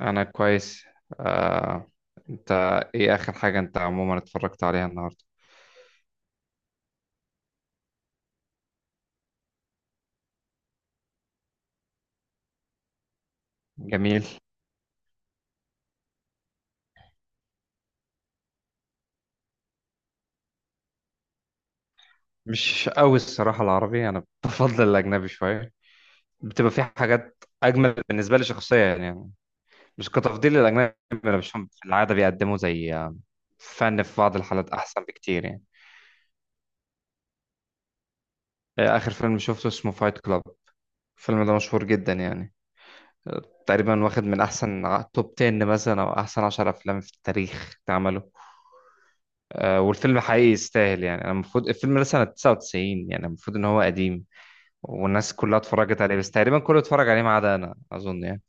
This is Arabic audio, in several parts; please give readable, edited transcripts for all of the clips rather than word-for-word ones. انا كويس. آه، انت؟ ايه اخر حاجة انت عموما اتفرجت عليها النهاردة؟ جميل. مش قوي الصراحة العربي، انا بفضل الاجنبي شوية. بتبقى في حاجات اجمل بالنسبة لي شخصيا يعني. مش كتفضيل للاجنبي. انا بشوفهم في العادة بيقدموا زي فن في بعض الحالات احسن بكتير يعني. اخر فيلم شفته اسمه فايت كلاب. الفيلم ده مشهور جدا يعني. تقريبا واخد من احسن توب 10 مثلا او احسن 10 افلام في التاريخ اتعملوا. والفيلم حقيقي يستاهل يعني، انا المفروض الفيلم ده سنة 99. يعني المفروض ان هو قديم. والناس كلها اتفرجت عليه بس تقريبا كله اتفرج عليه ما عدا انا اظن يعني.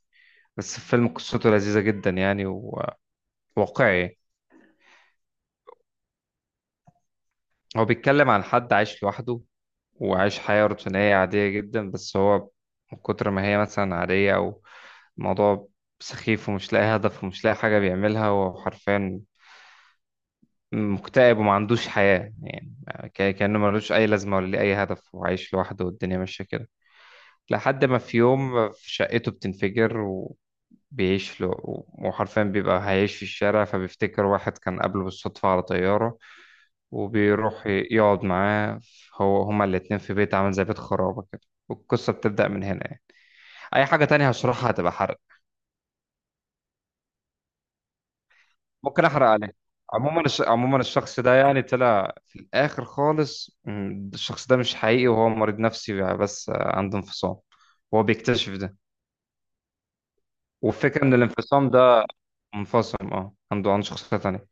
بس الفيلم قصته لذيذة جدا يعني. وواقعي. هو بيتكلم عن حد عايش لوحده. وعايش حياة روتينية عادية جدا بس هو من كتر ما هي مثلا عادية او الموضوع سخيف ومش لاقي هدف ومش لاقي حاجة بيعملها. هو حرفيا مكتئب وما عندوش حياة يعني. كأنه ملوش أي لازمة ولا ليه أي هدف وعايش لوحده والدنيا ماشية كده. لحد ما في يوم في شقته بتنفجر. وبيعيش له. وحرفيا بيبقى هيعيش في الشارع، فبيفتكر واحد كان قابله بالصدفة على طيارة. وبيروح يقعد معاه. هو هما الاتنين في بيت عامل زي بيت خرابة كده. والقصة بتبدأ من هنا يعني. أي حاجة تانية هشرحها هتبقى حرق. ممكن أحرق عليه. عموما الشخص ده يعني طلع في الآخر خالص. الشخص ده مش حقيقي وهو مريض نفسي، بس عنده انفصام. هو بيكتشف ده. والفكرة إن الانفصام ده منفصل، اه، عنده شخصية تانية.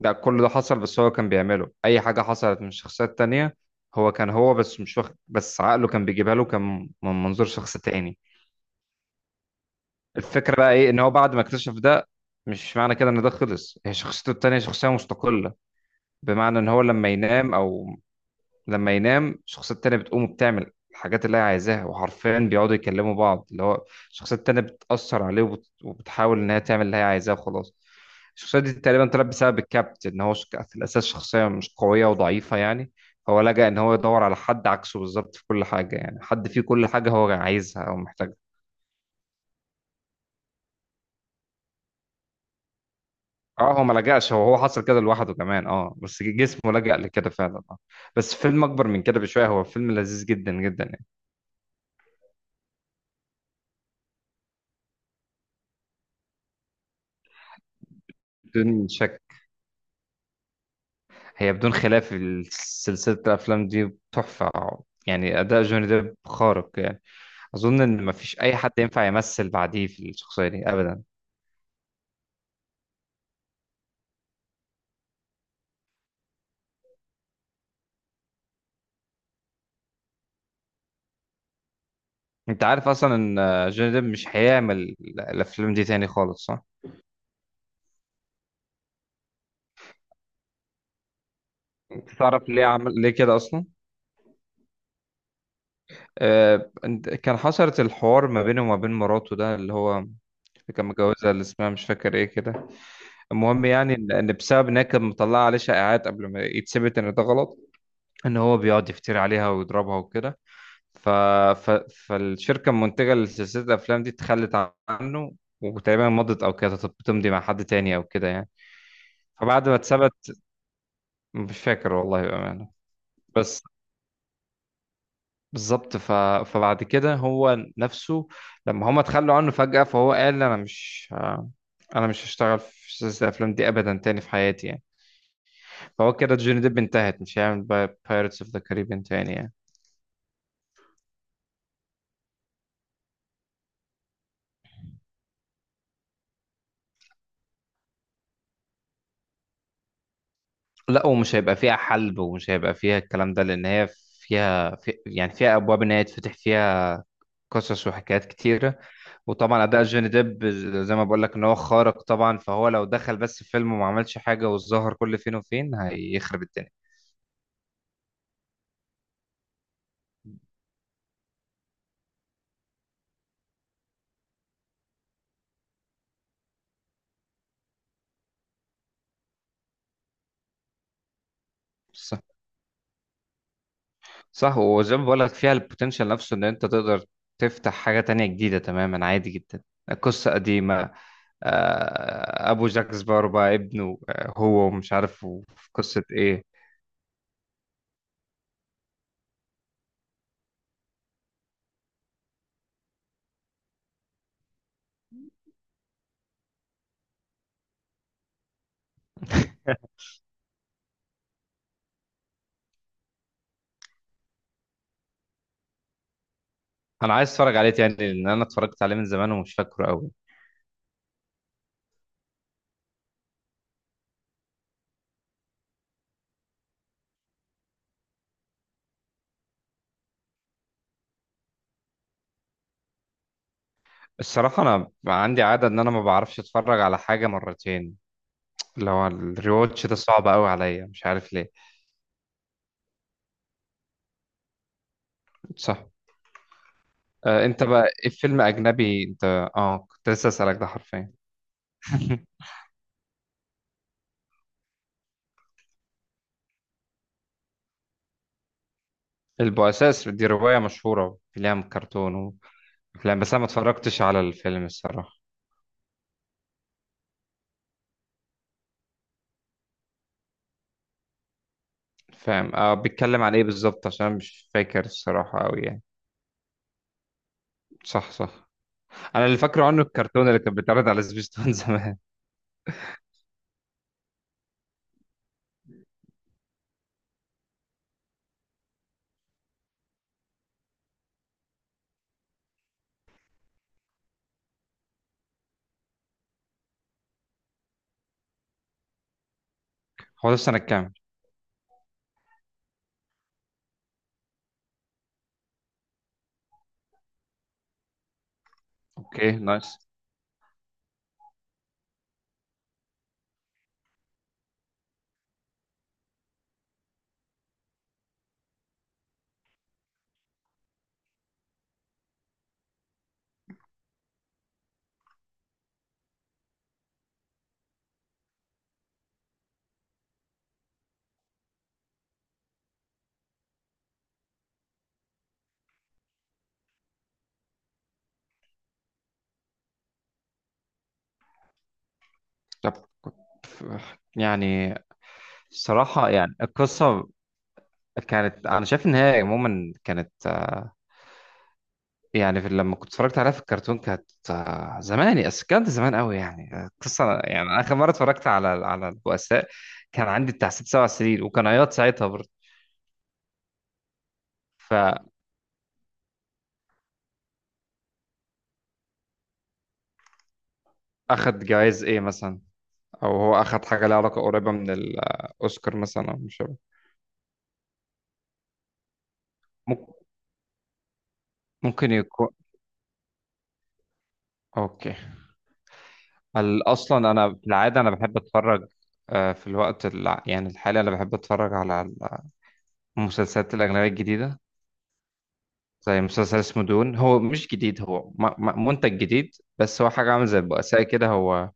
ده كل ده حصل، بس هو كان بيعمله، أي حاجة حصلت من شخصيات تانية. هو كان هو، بس مش واخد، بس عقله كان بيجيبها له كان من منظور شخص تاني. الفكرة بقى إيه، إن هو بعد ما اكتشف ده مش معنى كده إن ده خلص. هي شخصيته التانية شخصية مستقلة. بمعنى إن هو لما ينام الشخصية التانية بتقوم وبتعمل الحاجات اللي هي عايزاها. وحرفيا بيقعدوا يكلموا بعض، اللي هو الشخصية التانية بتأثر عليه، وبتحاول إن هي تعمل اللي هي عايزاه وخلاص. الشخصية دي تقريبا طلعت بسبب الكابت، إن هو في الأساس شخصية مش قوية وضعيفة يعني. فهو لجأ إن هو يدور على حد عكسه بالظبط في كل حاجة، يعني حد فيه كل حاجة هو عايزها أو محتاجها. اه، هو ما لجأش، هو حصل كده لوحده كمان اه، بس جسمه لجأ لكده فعلا اه. بس فيلم أكبر من كده بشوية، هو فيلم لذيذ جدا جدا يعني. فيلم شك. هي بدون خلاف سلسلة الأفلام دي تحفة. يعني أداء جوني ديب خارق يعني. أظن إن مفيش أي حد ينفع يمثل بعديه في الشخصية دي أبدا. أنت عارف أصلا إن جوني ديب مش هيعمل الأفلام دي تاني خالص صح؟ تعرف ليه عمل ليه كده أصلا؟ كان حصلت الحوار ما بينه وما بين مراته، ده اللي هو كان متجوزها اللي اسمها مش فاكر إيه كده. المهم يعني إن بسبب إنها كانت مطلعة عليه شائعات قبل ما يتثبت إن ده غلط. إن هو بيقعد يفتري عليها ويضربها وكده. ف... ف... فالشركة المنتجة لسلسلة الأفلام دي اتخلت عنه. وتقريبا مضت أو كانت بتمضي مع حد تاني أو كده يعني. فبعد ما اتثبت. مش فاكر والله بأمانة. بس بالظبط. فبعد كده هو نفسه لما هما اتخلوا عنه فجأة، فهو قال أنا مش هشتغل في سلسلة الأفلام دي أبدا تاني في حياتي يعني. فهو كده جوني ديب انتهت، مش هيعمل بايرتس اوف ذا كاريبيان تاني يعني. لا، ومش هيبقى فيها حلب، ومش هيبقى فيها الكلام ده، لان هي فيها يعني فيها ابواب ان هي يتفتح فيها قصص وحكايات كتيره. وطبعا اداء جوني ديب زي ما بقول لك ان هو خارق طبعا، فهو لو دخل بس في فيلم وما عملش حاجه وظهر كل فين وفين هيخرب الدنيا. صح، صح. وزي ما بقول لك فيها البوتنشال نفسه، ان انت تقدر تفتح حاجه تانية جديده تماما عادي جدا. قصه قديمه. ابو جاك سبارو بقى ابنه، هو ومش عارف في قصه ايه. انا عايز اتفرج عليه تاني لان انا اتفرجت عليه من زمان ومش فاكره قوي. الصراحه انا عندي عاده ان انا ما بعرفش اتفرج على حاجه مرتين. اللي هو الريواتش ده صعب قوي عليا مش عارف ليه. صح. آه، انت بقى ايه فيلم اجنبي انت؟ اه، كنت لسه اسالك ده حرفيا. البؤساء دي روايه مشهوره، ليها كرتون وافلام، بس انا ما اتفرجتش على الفيلم الصراحه. فاهم. بيتكلم عن ايه بالظبط؟ عشان أنا مش فاكر الصراحه قوي يعني. صح، صح. انا اللي فاكره عنه الكرتون اللي كان بيتعرض على سبيستون زمان. هو ده في سنه كام؟ اوكي، نايس. طب كنت يعني الصراحة يعني القصة كانت، أنا شايف إن هي عموما كانت، يعني في لما كنت اتفرجت عليها في الكرتون كانت زمان، بس كانت زمان قوي يعني. القصة يعني أنا آخر مرة اتفرجت على البؤساء كان عندي بتاع ست سبع سنين، وكان عياط ساعتها برضه. فأخد. جوائز إيه مثلا؟ أو هو أخد حاجة لها علاقة قريبة من الأوسكار مثلا، أو مش عارف. ممكن. ممكن يكون. أوكي. اصلا انا في العاده انا بحب اتفرج. في الوقت يعني الحالي، انا بحب اتفرج على المسلسلات الاجنبيه الجديده. زي مسلسل اسمه دون، هو مش جديد، هو منتج جديد. بس هو حاجه عامل زي البؤساء كده. هو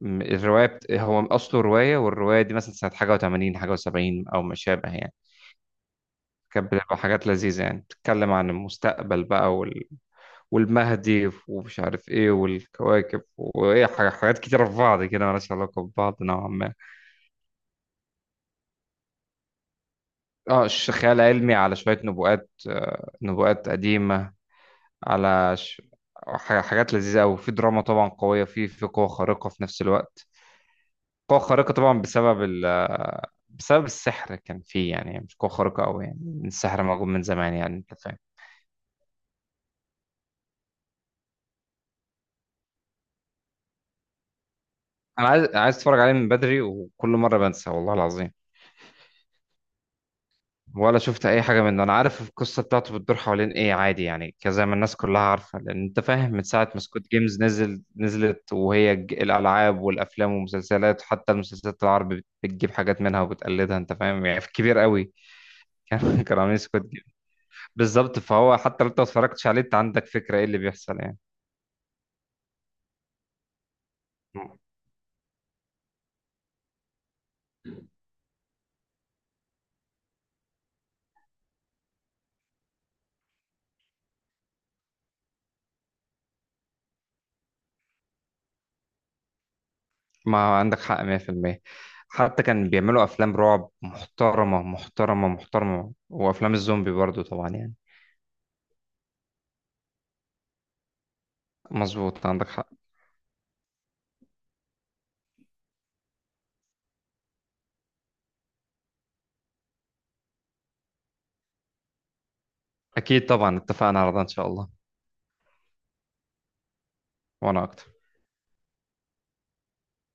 هو اصله روايه، والروايه دي مثلا سنه حاجه و80 حاجه و70 او ما شابه يعني. كانت بتبقى حاجات لذيذه يعني، بتتكلم عن المستقبل بقى والمهدي ومش عارف ايه والكواكب وايه حاجات كتيره في بعض كده مالهاش علاقه ببعض نوعا ما. اه، خيال علمي على شوية نبوءات، نبوءات قديمة. على ش... حاجات لذيذة أوي، في دراما طبعا قوية، في قوة خارقة في نفس الوقت. قوة خارقة طبعا بسبب ال... آه، بسبب السحر كان فيه يعني، مش قوة خارقة أوي يعني. السحر موجود من زمان يعني أنت فاهم. أنا عايز أتفرج عليه من بدري وكل مرة بنسى والله العظيم. ولا شفت اي حاجه منه. انا عارف القصه بتاعته بتدور حوالين ايه، عادي يعني كذا ما الناس كلها عارفه، لان انت فاهم من ساعه ما سكوت جيمز نزلت، وهي الالعاب والافلام والمسلسلات، حتى المسلسلات العربي بتجيب حاجات منها وبتقلدها. انت فاهم يعني؟ في كبير قوي. كانوا عاملين سكوت جيمز. بالظبط، فهو حتى لو انت ما اتفرجتش عليه، انت عندك فكره ايه اللي بيحصل يعني. ما عندك حق 100%. حتى كان بيعملوا افلام رعب محترمه محترمه محترمه، وافلام الزومبي برضو طبعا يعني. مظبوط، عندك حق. أكيد طبعا، اتفقنا على ده إن شاء الله. وأنا أكتر.